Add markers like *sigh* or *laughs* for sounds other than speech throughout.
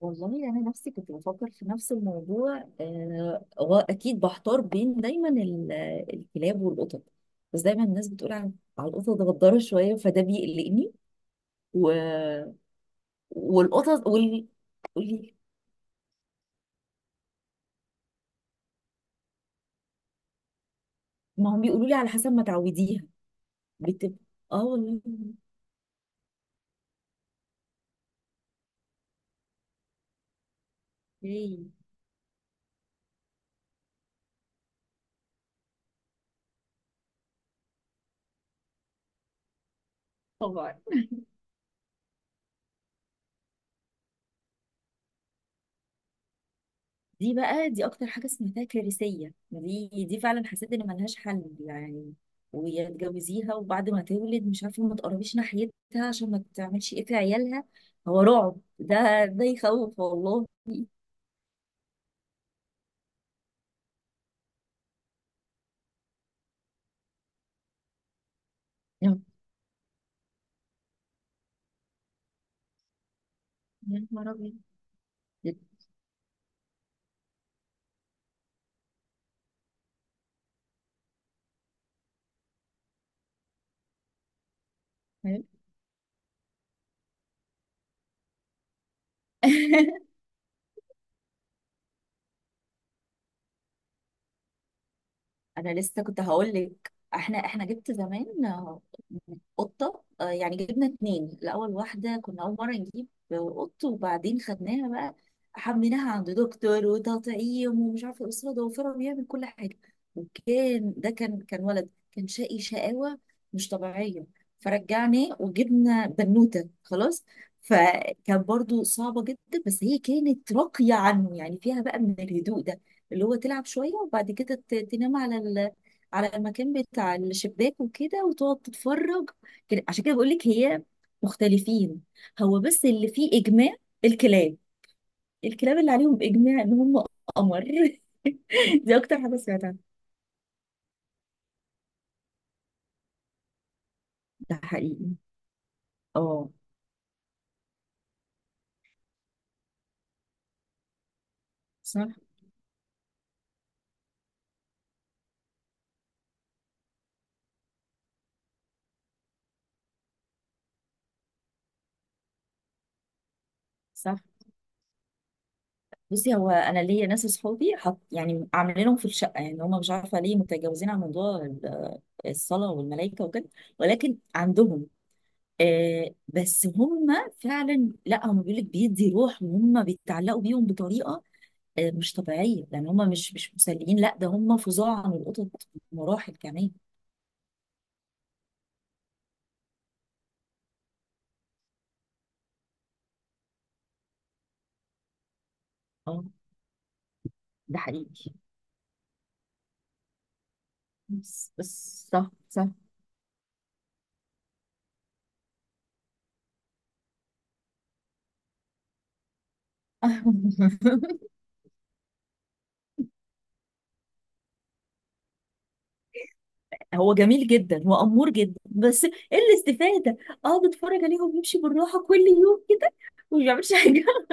والله انا نفسي كنت بفكر في نفس الموضوع واكيد بحتار بين دايما الكلاب والقطط. بس دايما الناس بتقول على القطط غدارة شويه، فده بيقلقني و... والقطط قولي. ما هم بيقولوا لي على حسب ما تعوديها بتبقى. اه والله. إيه. طبعا. دي اكتر حاجه سمعتها، كارثيه، دي فعلا، حسيت ان ملهاش حل يعني. ويا تجوزيها وبعد ما تولد مش عارفه ما تقربيش ناحيتها عشان ما تعملش ايه في عيالها. هو رعب، ده يخوف والله. يا يا نهار أبيض. *laughs* انا لسه كنت هقول لك احنا جبت زمان، قطه، يعني جبنا اتنين الاول، واحده كنا اول مره نجيب قط، وبعدين خدناها بقى، حملناها عند دكتور وتطعيم ومش عارفه ايه، اسره ضوافره بيعمل كل حاجه. وكان ده كان ولد، كان شقي شقاوه مش طبيعيه. فرجعناه وجبنا بنوته خلاص. فكان برضو صعبه جدا، بس هي كانت راقيه عنه، يعني فيها بقى من الهدوء ده اللي هو تلعب شوية وبعد كده تنام على على المكان بتاع الشباك وكده، وتقعد تتفرج كده. عشان كده بقول لك هي مختلفين. هو بس اللي فيه إجماع الكلاب الكلاب اللي عليهم إجماع إن هم قمر. *laughs* دي أكتر حاجة سمعتها. ده حقيقي، اه، صح صح. بصي، هو انا ليا ناس اصحابي حط، يعني عاملينهم في الشقه، يعني هم مش عارفه ليه متجاوزين عن موضوع الصلاه والملائكه وكده، ولكن عندهم. آه، بس هم فعلا، لا هم بيقول لك بيدي روح، وهم بيتعلقوا بيهم بطريقه آه مش طبيعيه. يعني هم مش مسليين، لا، ده هم فظاع عن القطط مراحل كمان. اه، ده حقيقي. بس بس، صح صح. *laughs* هو جميل جدا وامور جدا، بس ايه الاستفاده؟ اقعد اتفرج عليهم يمشي بالراحه كل يوم كده وما بيعملش حاجه. *laughs*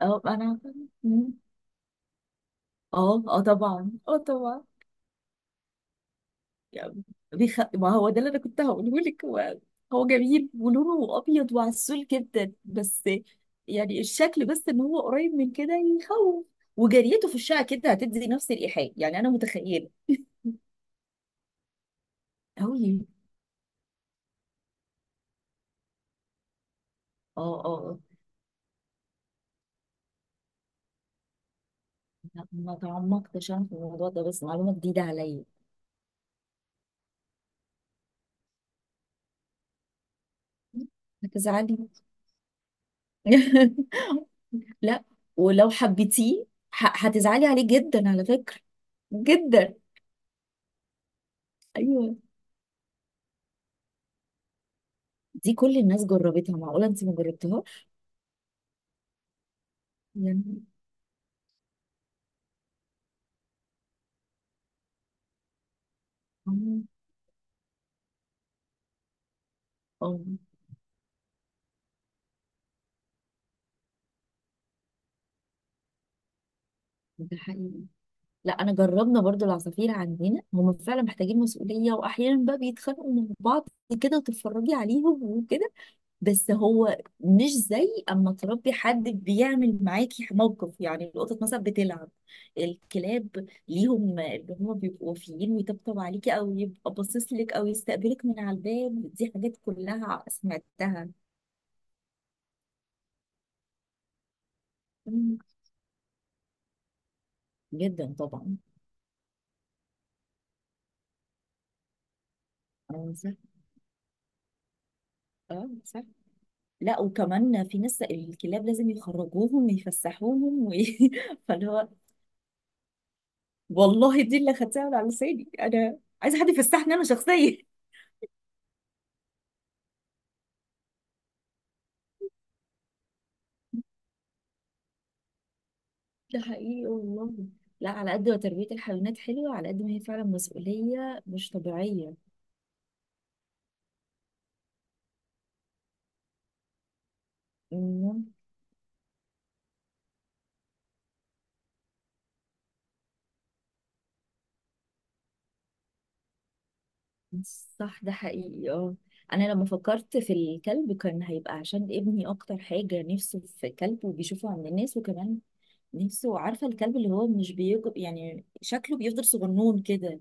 اه انا. اه اه طبعا، اه طبعا. يعني ما هو ده اللي انا كنت هقوله لك. هو هو جميل ولونه ابيض وعسول جدا، بس يعني الشكل بس ان هو قريب من كده يخوف. وجريته في الشقه كده هتدي نفس الايحاء، يعني انا متخيله قوي. اه اه آه. لا، ما تعمقتش انا في الموضوع ده، بس معلومه جديده عليا. هتزعلي. *laughs* لا، ولو حبيتيه، هتزعلي عليه جدا على فكره، جدا. ايوه. دي كل الناس جربتها، معقوله انت ما جربتهاش؟ يعني اه، آه، ده حقيقي. لا انا جربنا برضو العصافير عندنا، هم فعلا محتاجين مسؤوليه، واحيانا بقى بيتخانقوا مع بعض كده، وتتفرجي عليهم وكده. بس هو مش زي اما تربي حد بيعمل معاكي موقف، يعني القطط مثلا بتلعب، الكلاب ليهم اللي هم بيبقوا وفيين، ويطبطب عليكي او يبقى باصص لك او يستقبلك من على الباب، دي حاجات كلها سمعتها. مم. جدا طبعا. اه صح. اه صح. لا، وكمان في ناس الكلاب لازم يخرجوهم ويفسحوهم *laughs* فاللي هو والله، دي اللي خدتها من على لساني، انا عايزه حد يفسحني انا شخصيا. ده حقيقي والله. لا، على قد ما تربية الحيوانات حلوة، على قد ما هي فعلا مسؤولية مش طبيعية. مم. صح، ده حقيقي اه. أنا لما فكرت في الكلب كان هيبقى عشان ابني، أكتر حاجة نفسه في كلب، وبيشوفه عند الناس، وكمان نفسه، عارفة الكلب اللي هو مش بيكبر، يعني شكله بيفضل صغنون كده.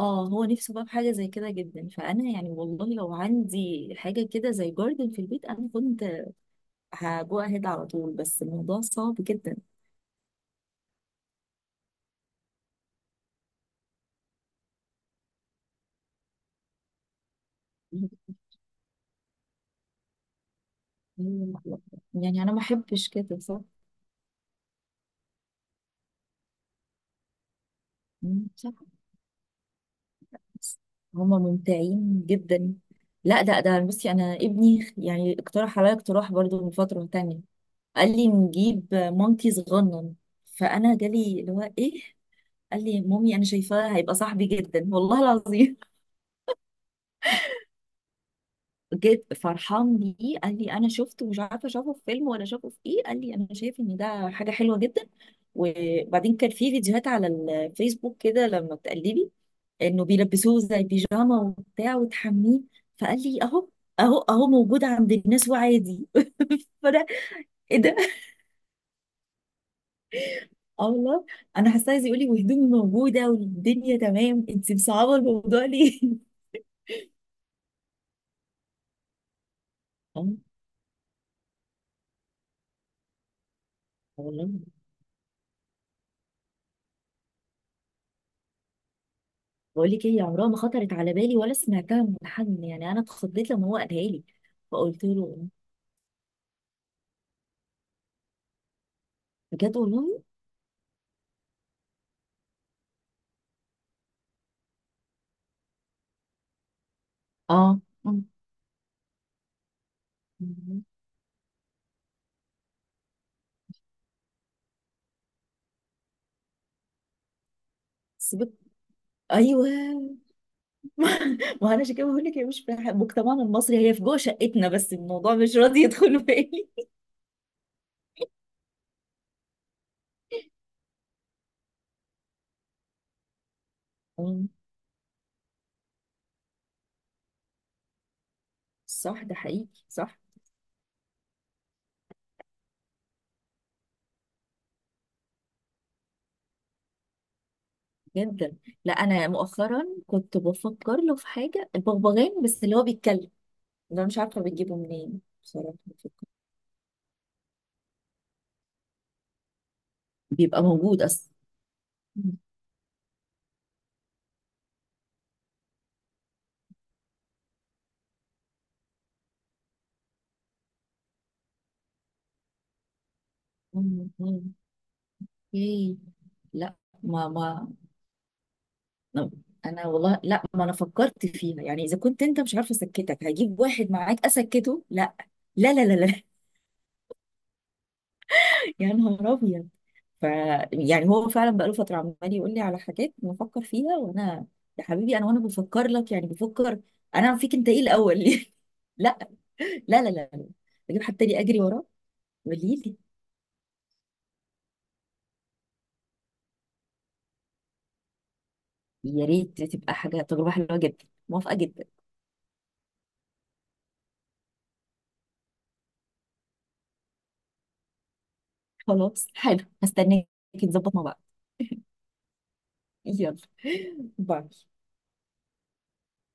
اه، هو نفسه بقى في حاجه زي كده جدا. فانا يعني والله لو عندي حاجه كده زي جاردن في البيت، انا كنت هجو اهيد على طول، بس الموضوع صعب جدا. مم. يعني انا ما احبش كده، صح. مم، صح. بس هما ممتعين جدا. لا، ده بصي انا ابني يعني اقترح عليا اقتراح برضو من فتره تانية. قال لي نجيب مونكي صغنن. فانا جالي اللي هو ايه؟ قال لي مامي انا شايفاه هيبقى صاحبي جدا والله العظيم. جد فرحان بيه، قال لي انا شفته، مش عارفه اشوفه في فيلم ولا اشوفه في ايه، قال لي انا شايف ان ده حاجه حلوه جدا. وبعدين كان في فيديوهات على الفيسبوك كده لما بتقلبي، انه بيلبسوه زي بيجاما وبتاع وتحميه. فقال لي اهو، اهو موجود عند الناس وعادي. *laughs* فانا ايه ده؟ اه والله. انا حاسه عايز يقول لي، وهدومي موجوده والدنيا تمام، انت مصعبه الموضوع ليه؟ *laughs* اه والله. بقول لك ايه، عمرها ما خطرت على بالي ولا سمعتها من حد، يعني انا اتخضيت لما هو قالها لي، فقلت له بجد والله؟ اه. مم. مم. سيبك. ايوه، ما انا عشان كده بقول لك، هي مش في مجتمعنا المصري، هي في جوه شقتنا، بس الموضوع مش راضي يدخل بالي. مم. صح، ده حقيقي، صح. جدا. لا انا مؤخرا كنت بفكر له في حاجه، البغبغان، بس اللي هو بيتكلم ده مش عارفه بتجيبه منين بصراحه، بفكر. بيبقى موجود اصلا. مم. مم. ايه. لا ما انا والله، لا ما انا فكرت فيها، يعني اذا كنت انت مش عارفه اسكتك هجيب واحد معاك اسكته؟ لا. لا لا لا لا *laughs* يا نهار ابيض. ف يعني هو فعلا بقاله فتره عمال يقول لي على حاجات بفكر فيها، وانا يا حبيبي، انا وانا بفكر لك، يعني بفكر انا فيك انت، ايه الاول؟ *laughs* ليه؟ لا. لا لا لا لا. اجيب حد تاني اجري وراه؟ قولي لي. يا ريت، تبقى حاجه تجربه حلوه جدا، موافقه جدا. خلاص، حلو، هستناك. نظبط مع بعض. يلا، باي.